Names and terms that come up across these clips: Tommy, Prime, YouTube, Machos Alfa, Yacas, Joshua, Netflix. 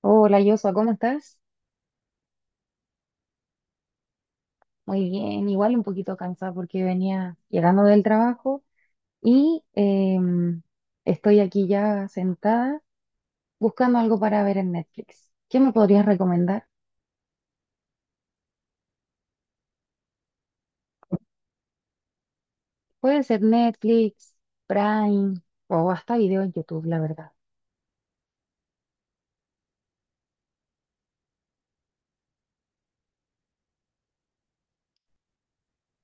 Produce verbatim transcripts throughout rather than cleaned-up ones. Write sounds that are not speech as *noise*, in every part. Hola, Joshua, ¿cómo estás? Muy bien, igual un poquito cansada porque venía llegando del trabajo y em, estoy aquí ya sentada buscando algo para ver en Netflix. ¿Qué me podrías recomendar? Puede ser Netflix, Prime o hasta video en YouTube, la verdad.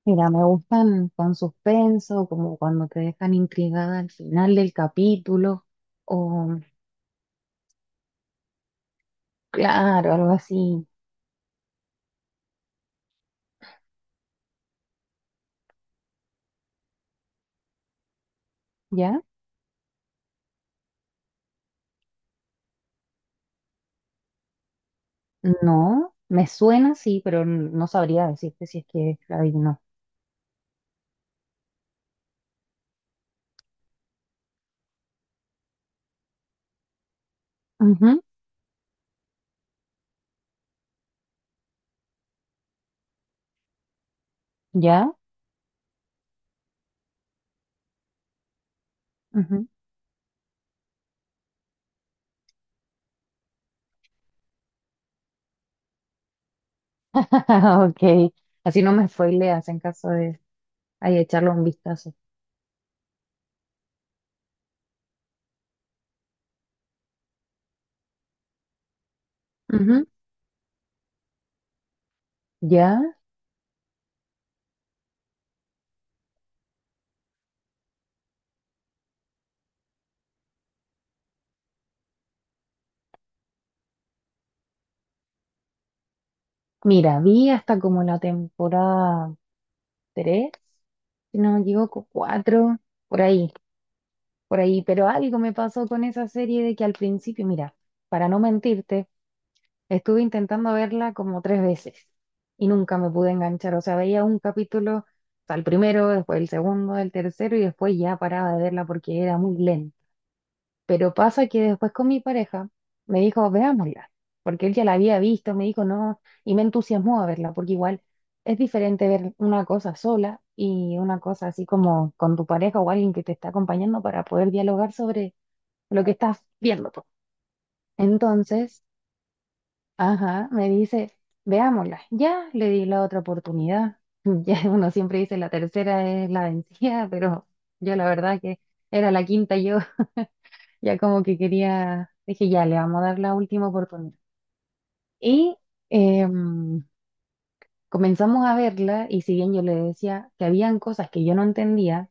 Mira, me gustan con suspenso, como cuando te dejan intrigada al final del capítulo o claro, algo así. ¿Ya? No, me suena sí, pero n- no sabría decirte si es que ahí no. Ujú. ¿Ya? Ujú. *laughs* Ok, así no me spoileas en caso de ahí echarle un vistazo. Ujú. ¿Ya? Mira, vi hasta como la temporada tres, si no me equivoco, cuatro por ahí, por ahí, pero algo me pasó con esa serie de que al principio, mira, para no mentirte, estuve intentando verla como tres veces y nunca me pude enganchar. O sea, veía un capítulo, o sea, el primero, después el segundo, el tercero y después ya paraba de verla porque era muy lenta. Pero pasa que después con mi pareja me dijo, veámosla, porque él ya la había visto, me dijo, no, y me entusiasmó a verla, porque igual es diferente ver una cosa sola y una cosa así como con tu pareja o alguien que te está acompañando para poder dialogar sobre lo que estás viendo, pues. Entonces... Ajá, me dice, veámosla. Ya le di la otra oportunidad. *laughs* Ya uno siempre dice la tercera es la vencida, pero yo la verdad que era la quinta yo. *laughs* Ya como que quería, dije, ya le vamos a dar la última oportunidad. Y em, comenzamos a verla y si bien yo le decía que habían cosas que yo no entendía,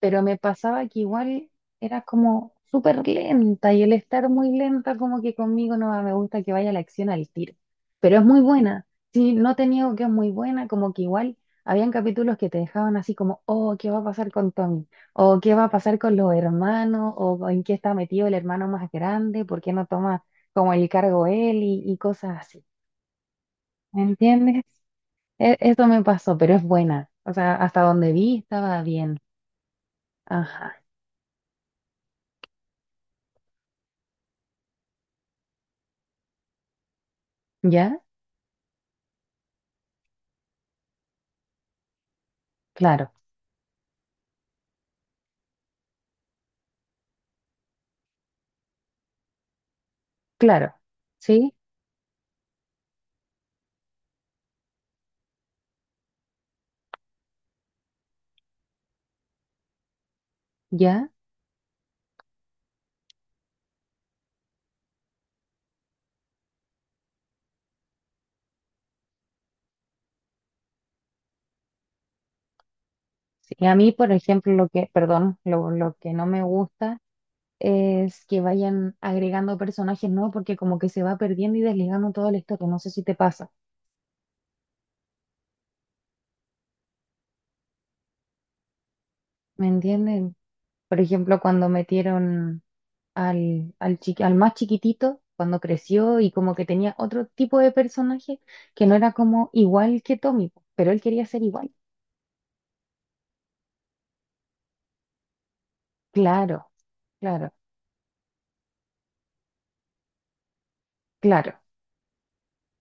pero me pasaba que igual era como súper lenta y el estar muy lenta como que conmigo no va, me gusta que vaya la acción al tiro, pero es muy buena, sí, no te niego que es muy buena, como que igual habían capítulos que te dejaban así como, oh, ¿qué va a pasar con Tommy? ¿O qué va a pasar con los hermanos? ¿O en qué está metido el hermano más grande? ¿Por qué no toma como el cargo él y, y cosas así? ¿Me entiendes? E- eso me pasó, pero es buena. O sea, hasta donde vi estaba bien. Ajá, ¿ya? Claro. Claro, sí, ya. Sí, a mí, por ejemplo, lo que, perdón, lo, lo que no me gusta es que vayan agregando personajes nuevos porque como que se va perdiendo y desligando todo la historia. No sé si te pasa, ¿me entienden? Por ejemplo, cuando metieron al, al, chiqui- al más chiquitito, cuando creció y como que tenía otro tipo de personaje que no era como igual que Tommy, pero él quería ser igual. Claro, claro, claro.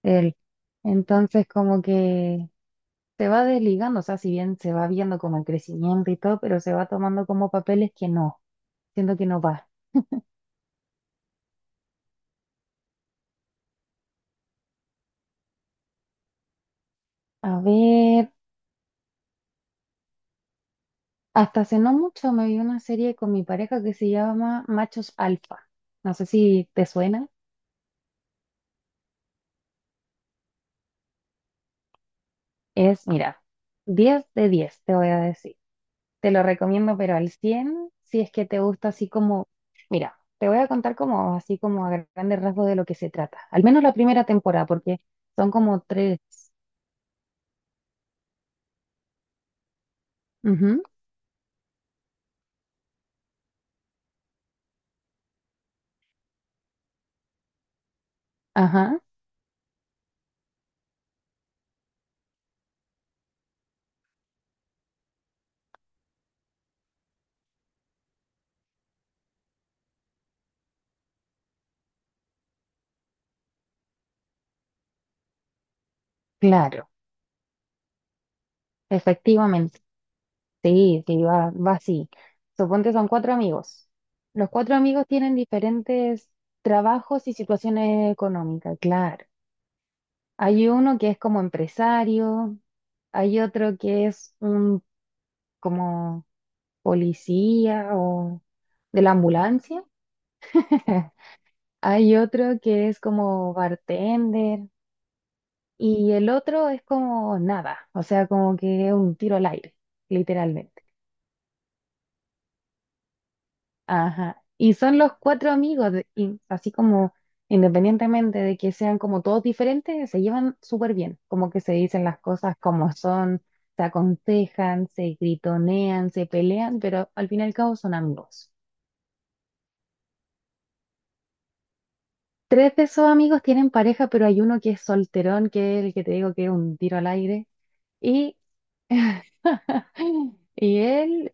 Él. Entonces, como que... se va desligando, o sea, si bien se va viendo como el crecimiento y todo, pero se va tomando como papeles que no, siento que no va. A ver, hasta hace no mucho me vi una serie con mi pareja que se llama Machos Alfa. No sé si te suena. Es, mira, diez de diez te voy a decir. Te lo recomiendo, pero al cien si es que te gusta así como, mira, te voy a contar como así como a grandes rasgos de lo que se trata. Al menos la primera temporada, porque son como tres. Ujú, ajá, claro. Efectivamente, sí, sí, va, va así. Suponte son cuatro amigos. Los cuatro amigos tienen diferentes trabajos y situaciones económicas, claro. Hay uno que es como empresario, hay otro que es un como policía o de la ambulancia, *laughs* hay otro que es como bartender y el otro es como nada, o sea, como que es un tiro al aire, literalmente. Ajá. Y son los cuatro amigos, de- y así como independientemente de que sean como todos diferentes, se llevan súper bien, como que se dicen las cosas como son, se aconsejan, se gritonean, se pelean, pero al fin y al cabo son amigos. Tres de esos amigos tienen pareja, pero hay uno que es solterón, que es el que te digo que es un tiro al aire, y, *laughs* y él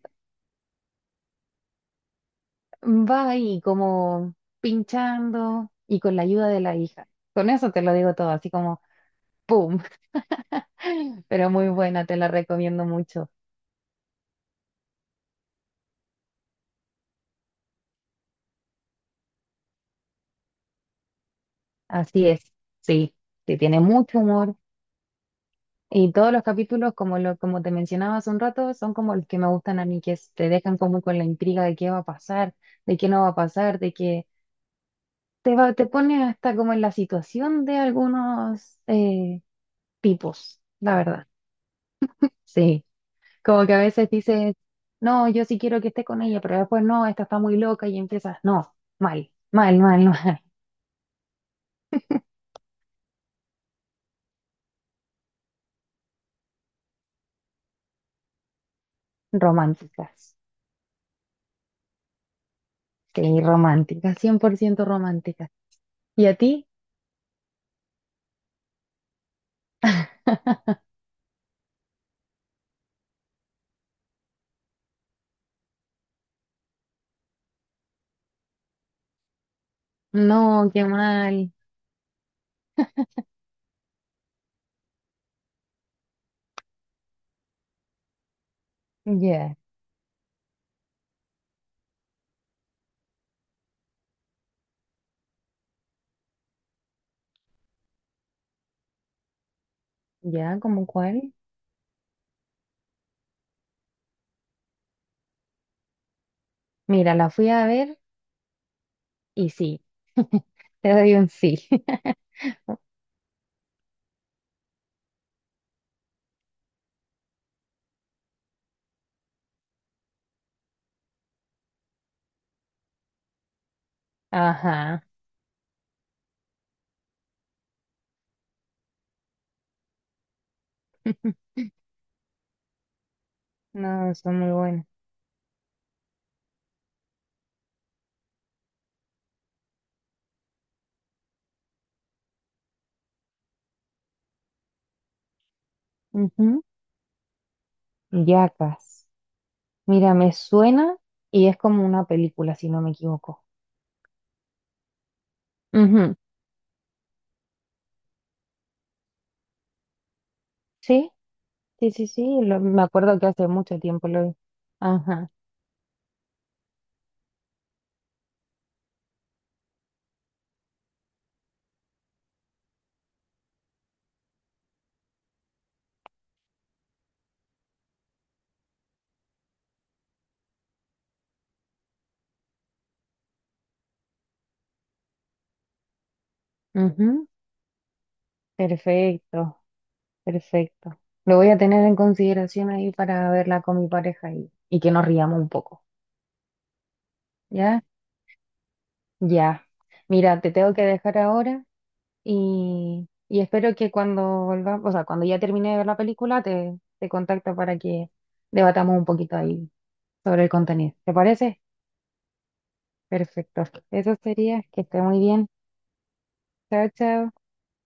va ahí como pinchando y con la ayuda de la hija. Con eso te lo digo todo, así como... ¡Pum! *laughs* Pero muy buena, te la recomiendo mucho. Así es, sí, sí, tiene mucho humor. Y todos los capítulos, como, lo, como te mencionaba hace un rato, son como los que me gustan a mí, que es- te dejan como con la intriga de qué va a pasar, de qué no va a pasar, de que te, va, te pone hasta como en la situación de algunos eh, tipos, la verdad. Sí, como que a veces dices, no, yo sí quiero que esté con ella, pero después no, esta está muy loca y empiezas, no, mal, mal, mal, *laughs* mal, románticas. Sí, romántica, cien por ciento romántica. ¿Y a ti? *laughs* No, qué mal. Ya, ya, ¿cómo cuál? Mira, la fui a ver y sí, *laughs* te doy un sí. *laughs* Ajá. *laughs* No, son muy buenas. Ujú. Yacas. Mira, me suena y es como una película, si no me equivoco. Ujú. Sí, sí, sí, sí. Lo- me acuerdo que hace mucho tiempo lo vi. Ajá. Ujú. Perfecto. Perfecto. Lo voy a tener en consideración ahí para verla con mi pareja y, y que nos riamos un poco. ¿Ya? Ya. Mira, te tengo que dejar ahora y, y espero que cuando volvamos, o sea, cuando ya termine de ver la película, te, te contacto para que debatamos un poquito ahí sobre el contenido. ¿Te parece? Perfecto. Eso sería. Que esté muy bien. Chao, chao.